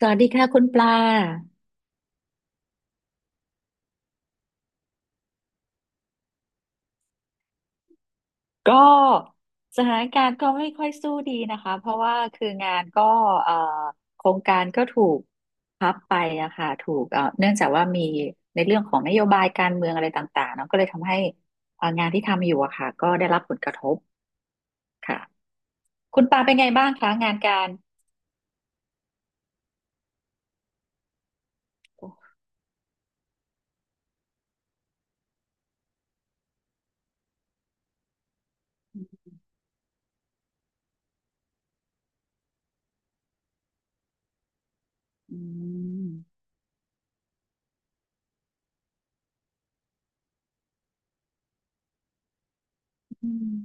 สวัสดีค่ะคุณปลา ก็สถานการณ์ก็ไม่ค่อยสู้ดีนะคะเพราะว่าคืองานก็เอ่อโครงการก็ถูกพับไปอะค่ะถูกเนื่องจากว่ามีในเรื่องของนโยบายการเมืองอะไรต่างๆเนาะก็เลยทำให้งานที่ทำอยู่อะค่ะก็ได้รับผลกระทบค่ะคุณปลาเป็นไงบ้างคะงานการอืมอืม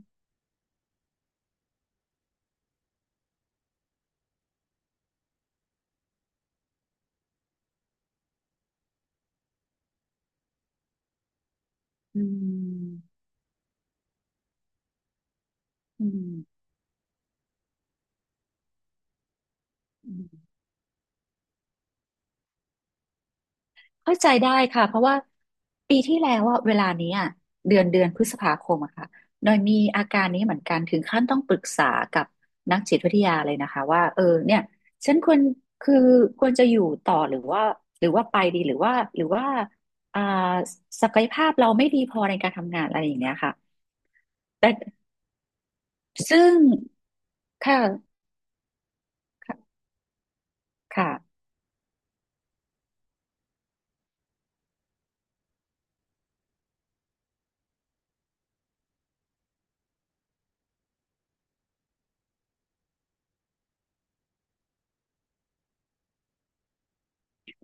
อืมอืมอืม เข้าใจได้ค่ะเพราะว่าปีที่แล้วอะเวลานี้อะเดือนพฤษภาคมอะค่ะหน่อยมีอาการนี้เหมือนกันถึงขั้นต้องปรึกษากับนักจิตวิทยาเลยนะคะว่าเออเนี่ยฉันควรคือควรจะอยู่ต่อหรือว่าไปดีหรือว่าอ่าศักยภาพเราไม่ดีพอในการทำงานอะไรอย่างเงี้ยค่ะแต่ซึ่งค่ะค่ะค่ะ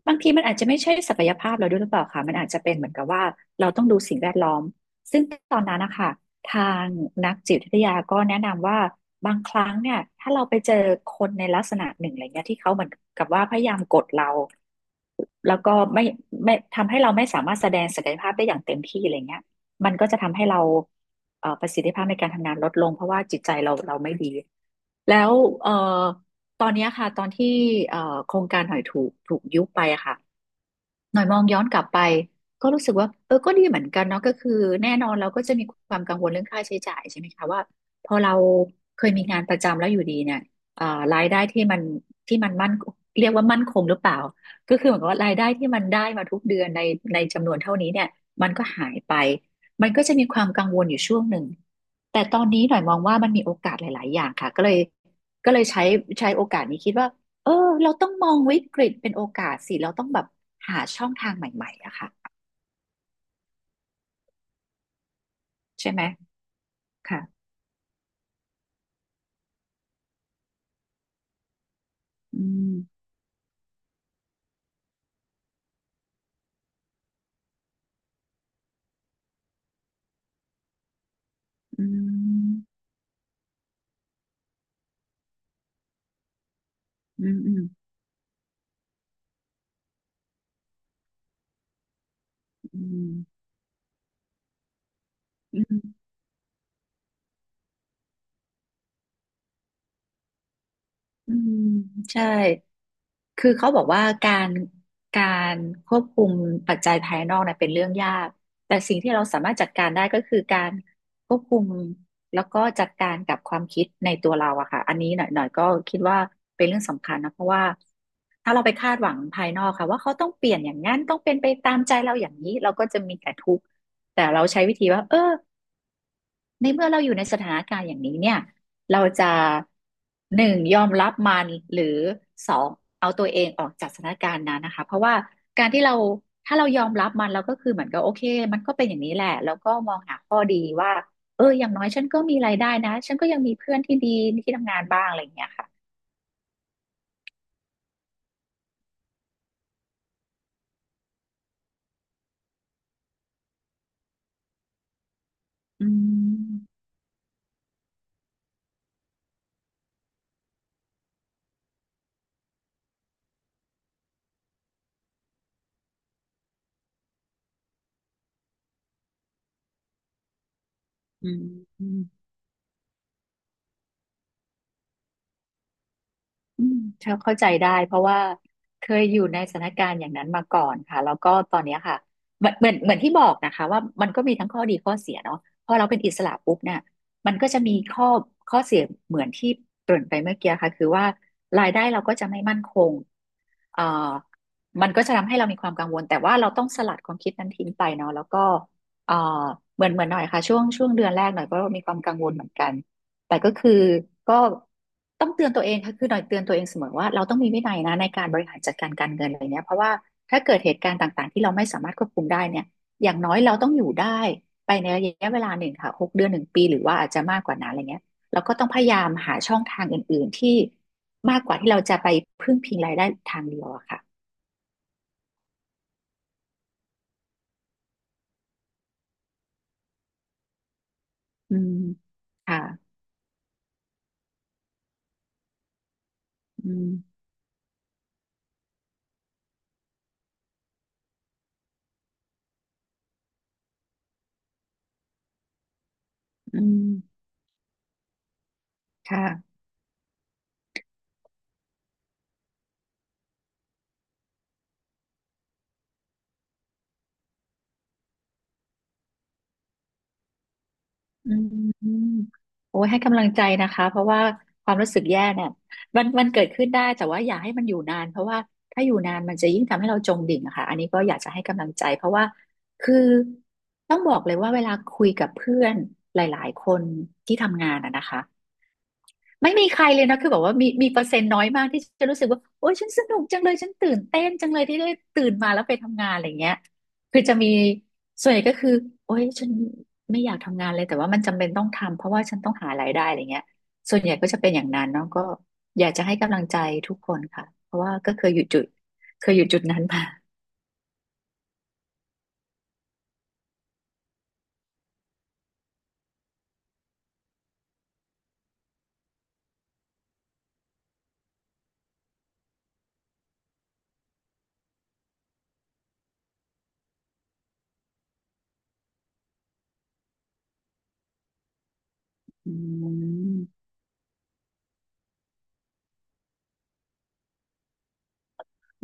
บางทีมันอาจจะไม่ใช่ศักยภาพเราด้วยหรือเปล่าคะมันอาจจะเป็นเหมือนกับว่าเราต้องดูสิ่งแวดล้อมซึ่งตอนนั้นนะคะทางนักจิตวิทยาก็แนะนำว่าบางครั้งเนี่ยถ้าเราไปเจอคนในลักษณะหนึ่งอะไรเงี้ยที่เขาเหมือนกับว่าพยายามกดเราแล้วก็ไม่ทำให้เราไม่สามารถแสดงศักยภาพได้อย่างเต็มที่อะไรเงี้ยมันก็จะทำให้เราประสิทธิภาพในการทำงานลดลงเพราะว่าจิตใจเราเราไม่ดี แล้วเอ่อ ตอนเนี้ยค่ะตอนที่โครงการหอยถูกยุบไปอะค่ะ หน่อยมองย้อนกลับไปก็รู้สึกว่าเออก็ดีเหมือนกันเนาะก็คือแน่นอนเราก็จะมีความกังวลเรื่องค่าใช้จ่ายใช่ไหมคะว่าพอเราเคยมีงานประจำแล้วอยู่ดีเนี่ยเอ่อรายได้ที่มันที่มันมั่นเรียกว่ามั่นคงหรือเปล่าก็คือเหมือนกับว่ารายได้ที่มันได้มาทุกเดือนในในจำนวนเท่านี้เนี่ยมันก็หายไปมันก็จะมีความกังวลอยู่ช่วงหนึ่งแต่ตอนนี้หน่อยมองว่ามันมีโอกาสหลายๆอย่างค่ะก็เลยใช้โอกาสนี้คิดว่า เออเราต้องมองวิกฤตเป็นโอกาสสิเราต้องแบบหาช่องทางใหม่ๆอะค่ะใช่ไหมค่ะอืมอืมอืมอืมอืมอืมอืมใช่ คือเขาบอกว่าการการควบคุมปัจจัยภายนอกเนี่ยเป็นเรื่องยากแต่สิ่งที่เราสามารถจัดการได้ก็คือการควบคุมแล้วก็จัดการกับความคิดในตัวเราอะค่ะอันนี้หน่อยก็คิดว่าเป็นเรื่องสำคัญนะเพราะว่าถ้าเราไปคาดหวังภายนอกค่ะว่าเขาต้องเปลี่ยนอย่างนั้นต้องเป็นไปตามใจเราอย่างนี้เราก็จะมีแต่ทุกข์แต่เราใช้วิธีว่าเออ ในเมื่อเราอยู่ในสถานการณ์อย่างนี้เนี่ยเราจะหนึ่งยอมรับมันหรือสองเอาตัวเองออกจากสถานการณ์นั้นนะคะเพราะว่าการที่เราถ้าเรายอมรับมันเราก็คือเหมือนกับโอเคมันก็เป็นอย่างนี้แหละแล้วก็มองหาข้อเอออย่างน้อยฉันก็มีรายได้นะฉันก็ยังมีเพื่อนที่ดีที่ทำงานบ้างอะไรอย่างเงี้ยค่ะอืมอืม อืมเข้าใจได้เพราะว่าเคยอยู่ในสถานการณ์อย่างนั้นมาก่อนค่ะแล้วก็ตอนเนี้ยค่ะเหมือนที่บอกนะคะว่ามันก็มีทั้งข้อดีข้อเสียเนาะพอเราเป็นอิสระปุ๊บเนี่ยมันก็จะมีข้อเสียเหมือนที่เกริ่นไปเมื่อกี้ค่ะคือว่ารายได้เราก็จะไม่มั่นคงเอ่อมันก็จะทำให้เรามีความกังวลแต่ว่าเราต้องสลัดความคิดนั้นทิ้งไปเนาะแล้วก็เอ่อเหมือนเหมือนหน่อยค่ะช่วงเดือนแรกหน่อยก็มีความกังวลเหมือนกัน แต่ก็คือก็ต้องเตือนตัวเองค่ะคือหน่อยเตือนตัวเองเสมอว่าเราต้องมีวินัยนะในการบริหารจัดการการเงินอะไรเนี้ยเพราะว่าถ้าเกิดเหตุการณ์ต่างๆที่เราไม่สามารถควบคุมได้เนี่ยอย่างน้อยเราต้องอยู่ได้ไปในระยะเวลาหนึ่งค่ะหกเดือนหนึ่งปีหรือว่าอาจจะมากกว่านั้นอะไรเงี้ยเราก็ต้องพยายามหาช่องทางอื่นๆที่มากกว่าที่เราจะไปพึ่งพิงรายได้ทางเดียวอะค่ะอืมค่ะอืมอืมค่ะ อืมโอ้ยให้กำลังใจนะคะเพราะว่าความรู้สึกแย่เนี่ยมันเกิดขึ้นได้แต่ว่าอย่าให้มันอยู่นานเพราะว่าถ้าอยู่นานมันจะยิ่งทำให้เราจมดิ่งอะค่ะอันนี้ก็อยากจะให้กำลังใจเพราะว่าคือต้องบอกเลยว่าเวลาคุยกับเพื่อนหลายๆคนที่ทำงานอะนะคะ ไม่มีใครเลยนะคือแบบว่ามีเปอร์เซ็นต์น้อยมากที่จะรู้สึกว่าโอ๊ยฉันสนุกจังเลยฉันตื่นเต้นจังเลยที่ได้ตื่นมาแล้วไปทำงานอะไรเงี้ยคือจะมีส่วนใหญ่ก็คือโอ๊ยฉันไม่อยากทำงานเลยแต่ว่ามันจำเป็นต้องทำเพราะว่าฉันต้องหารายได้อะไรเงี้ยส่วนใหญ่ก็จะเป็นอย่างนั้นเนาะก็อยากจะให้กำลังใจทุกคนค่ะเพราะว่าก็เคยอยู่จุดเคยอยู่จุดนั้นมาอืม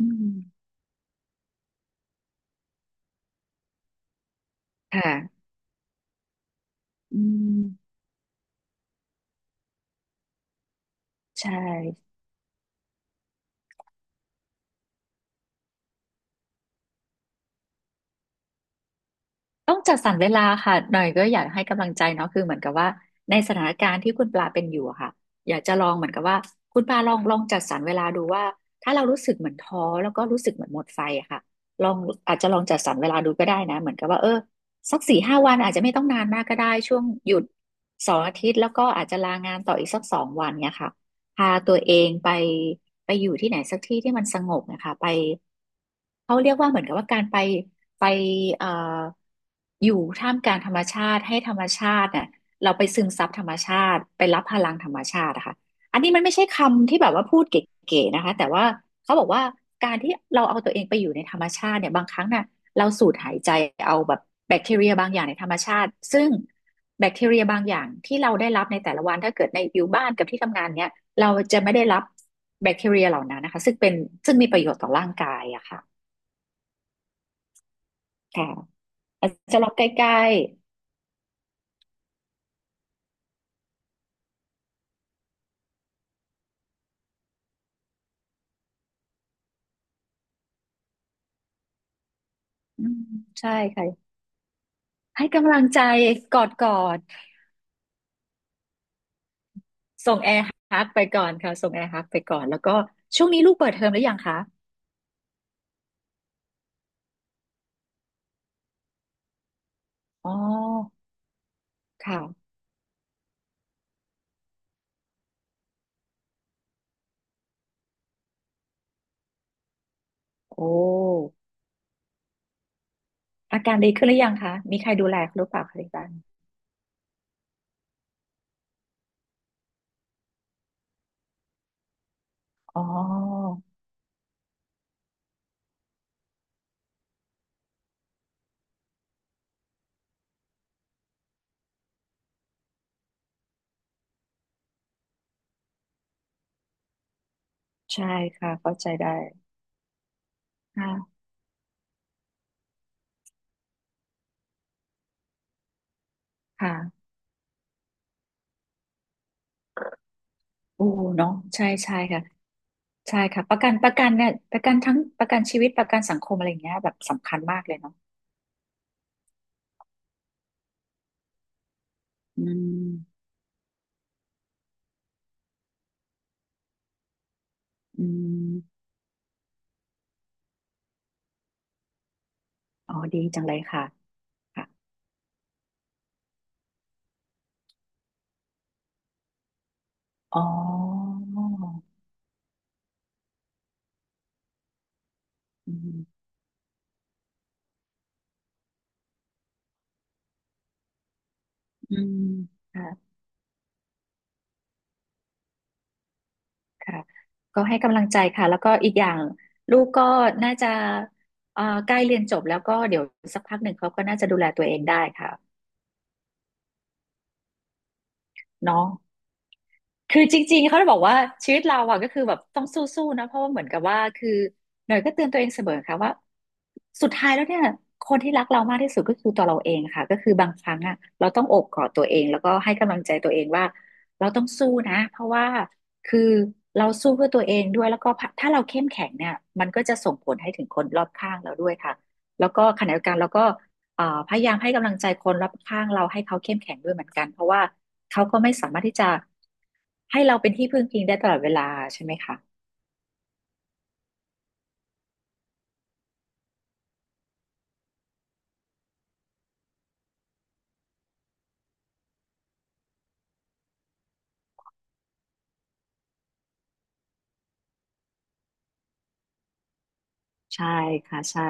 อืมค่ะอืมใช่ ต้องจัดสรรเวลาค่ะหน่อยก็อยากให้กำลังใจเนาะคือเหมือนกับว่าในสถานการณ์ที่คุณปลาเป็นอยู่อะค่ะอยากจะลองเหมือนกับว่าคุณปลาลองจัดสรรเวลาดูว่าถ้าเรารู้สึกเหมือนท้อแล้วก็รู้สึกเหมือนหมดไฟอะค่ะลองอาจจะลองจัดสรรเวลาดูก็ได้นะเหมือนกับว่าเออสักสี่ห้าวันอาจจะไม่ต้องนานมากก็ได้ช่วงหยุดสองอาทิตย์แล้วก็อาจจะลางานต่ออีกสักสองวันเนี่ยค่ะพาตัวเองไปไปอยู่ที่ไหนสักที่ที่มันสงบนะคะไป เขาเรียกว่าเหมือนกับว่าการไปไปเอ่ออยู่ท่ามกลางธรรมชาติให้ธรรมชาติน่ะเราไปซึมซับธรรมชาติไปรับพลังธรรมชาติอะค่ะอันนี้มันไม่ใช่คำที่แบบว่าพูดเก๋ๆนะคะแต่ว่าเขาบอกว่าการที่เราเอาตัวเองไปอยู่ในธรรมชาติเนี่ยบางครั้งน่ะเราสูดหายใจเอาแบบแบคทีเรียบางอย่างในธรรมชาติซึ่งแบคทีเรียบางอย่างที่เราได้รับในแต่ละวันถ้าเกิดในอยู่บ้านกับที่ทำงานเนี่ยเราจะไม่ได้รับแบคทีเรียเหล่านั้นนะคะซึ่งเป็นซึ่งมีประโยชน์ต่อร่างกายอะค่ะ ค่ะอาจจะล็อกใกล้ๆอืมใช่ค่ะให้กำลังใจกอดกอดส่งแอร์ฮักไปก่อนค่ะส่งแอร์ฮักไปก่อนแล้วก็ช่วงนี้ลูกเปิดเทอมหรือยังคะอ๋อค่ะโอ้อาการดีขึ้นหรือยังคะมีใครดูแลหรือเปล่าคะที่บ้านอ๋อใช่ค่ะเข้าใจได้ค่ะค่ะโอ้เนาะใช่ใช่ค่ะใช่ค่ะประกันเนี่ยประกันทั้งประกันชีวิตประกันสังคมอะไรอย่างเงี้ยแบบสำคัญมากเลยเนาะอืมอืม อ๋อดีจังเลยค่ะค่ะอ๋ออืมอืมค่ะค่ะ ก็ให้กำลังใจค่ะ แล้วก็อีกอย่างลูกก็น่าจะใกล้เรียนจบแล้วก็เดี๋ยวสักพักหนึ่งเขาก็น่าจะดูแลตัวเองได้ค่ะเนาะ คือจริงๆเขาจะบอกว่าชีวิตเราอะก็คือแบบต้องสู้ๆนะเพราะว่าเหมือนกับว่าคือหน่อยก็เตือนตัวเองเสมอค่ะว่าสุดท้ายแล้วเนี่ยคนที่รักเรามากที่สุดก็คือตัวเราเองค่ะก็คือบางครั้งอะเราต้องโอบกอดตัวเองแล้วก็ให้กำลังใจตัวเองว่าเราต้องสู้นะเพราะว่าคือเราสู้เพื่อตัวเองด้วยแล้วก็ถ้าเราเข้มแข็งเนี่ยมันก็จะส่งผลให้ถึงคนรอบข้างเราด้วยค่ะแล้วก็ขณะเดียวกันเราก็ พยายามให้กำลังใจคนรอบข้างเราให้เขาเข้มแข็งด้วยเหมือนกันเพราะว่าเขาก็ไม่สามารถที่จะให้เราเป็นที่พึ่งพิงได้ตลอดเวลาใช่ไหมคะใช่ค่ะใช่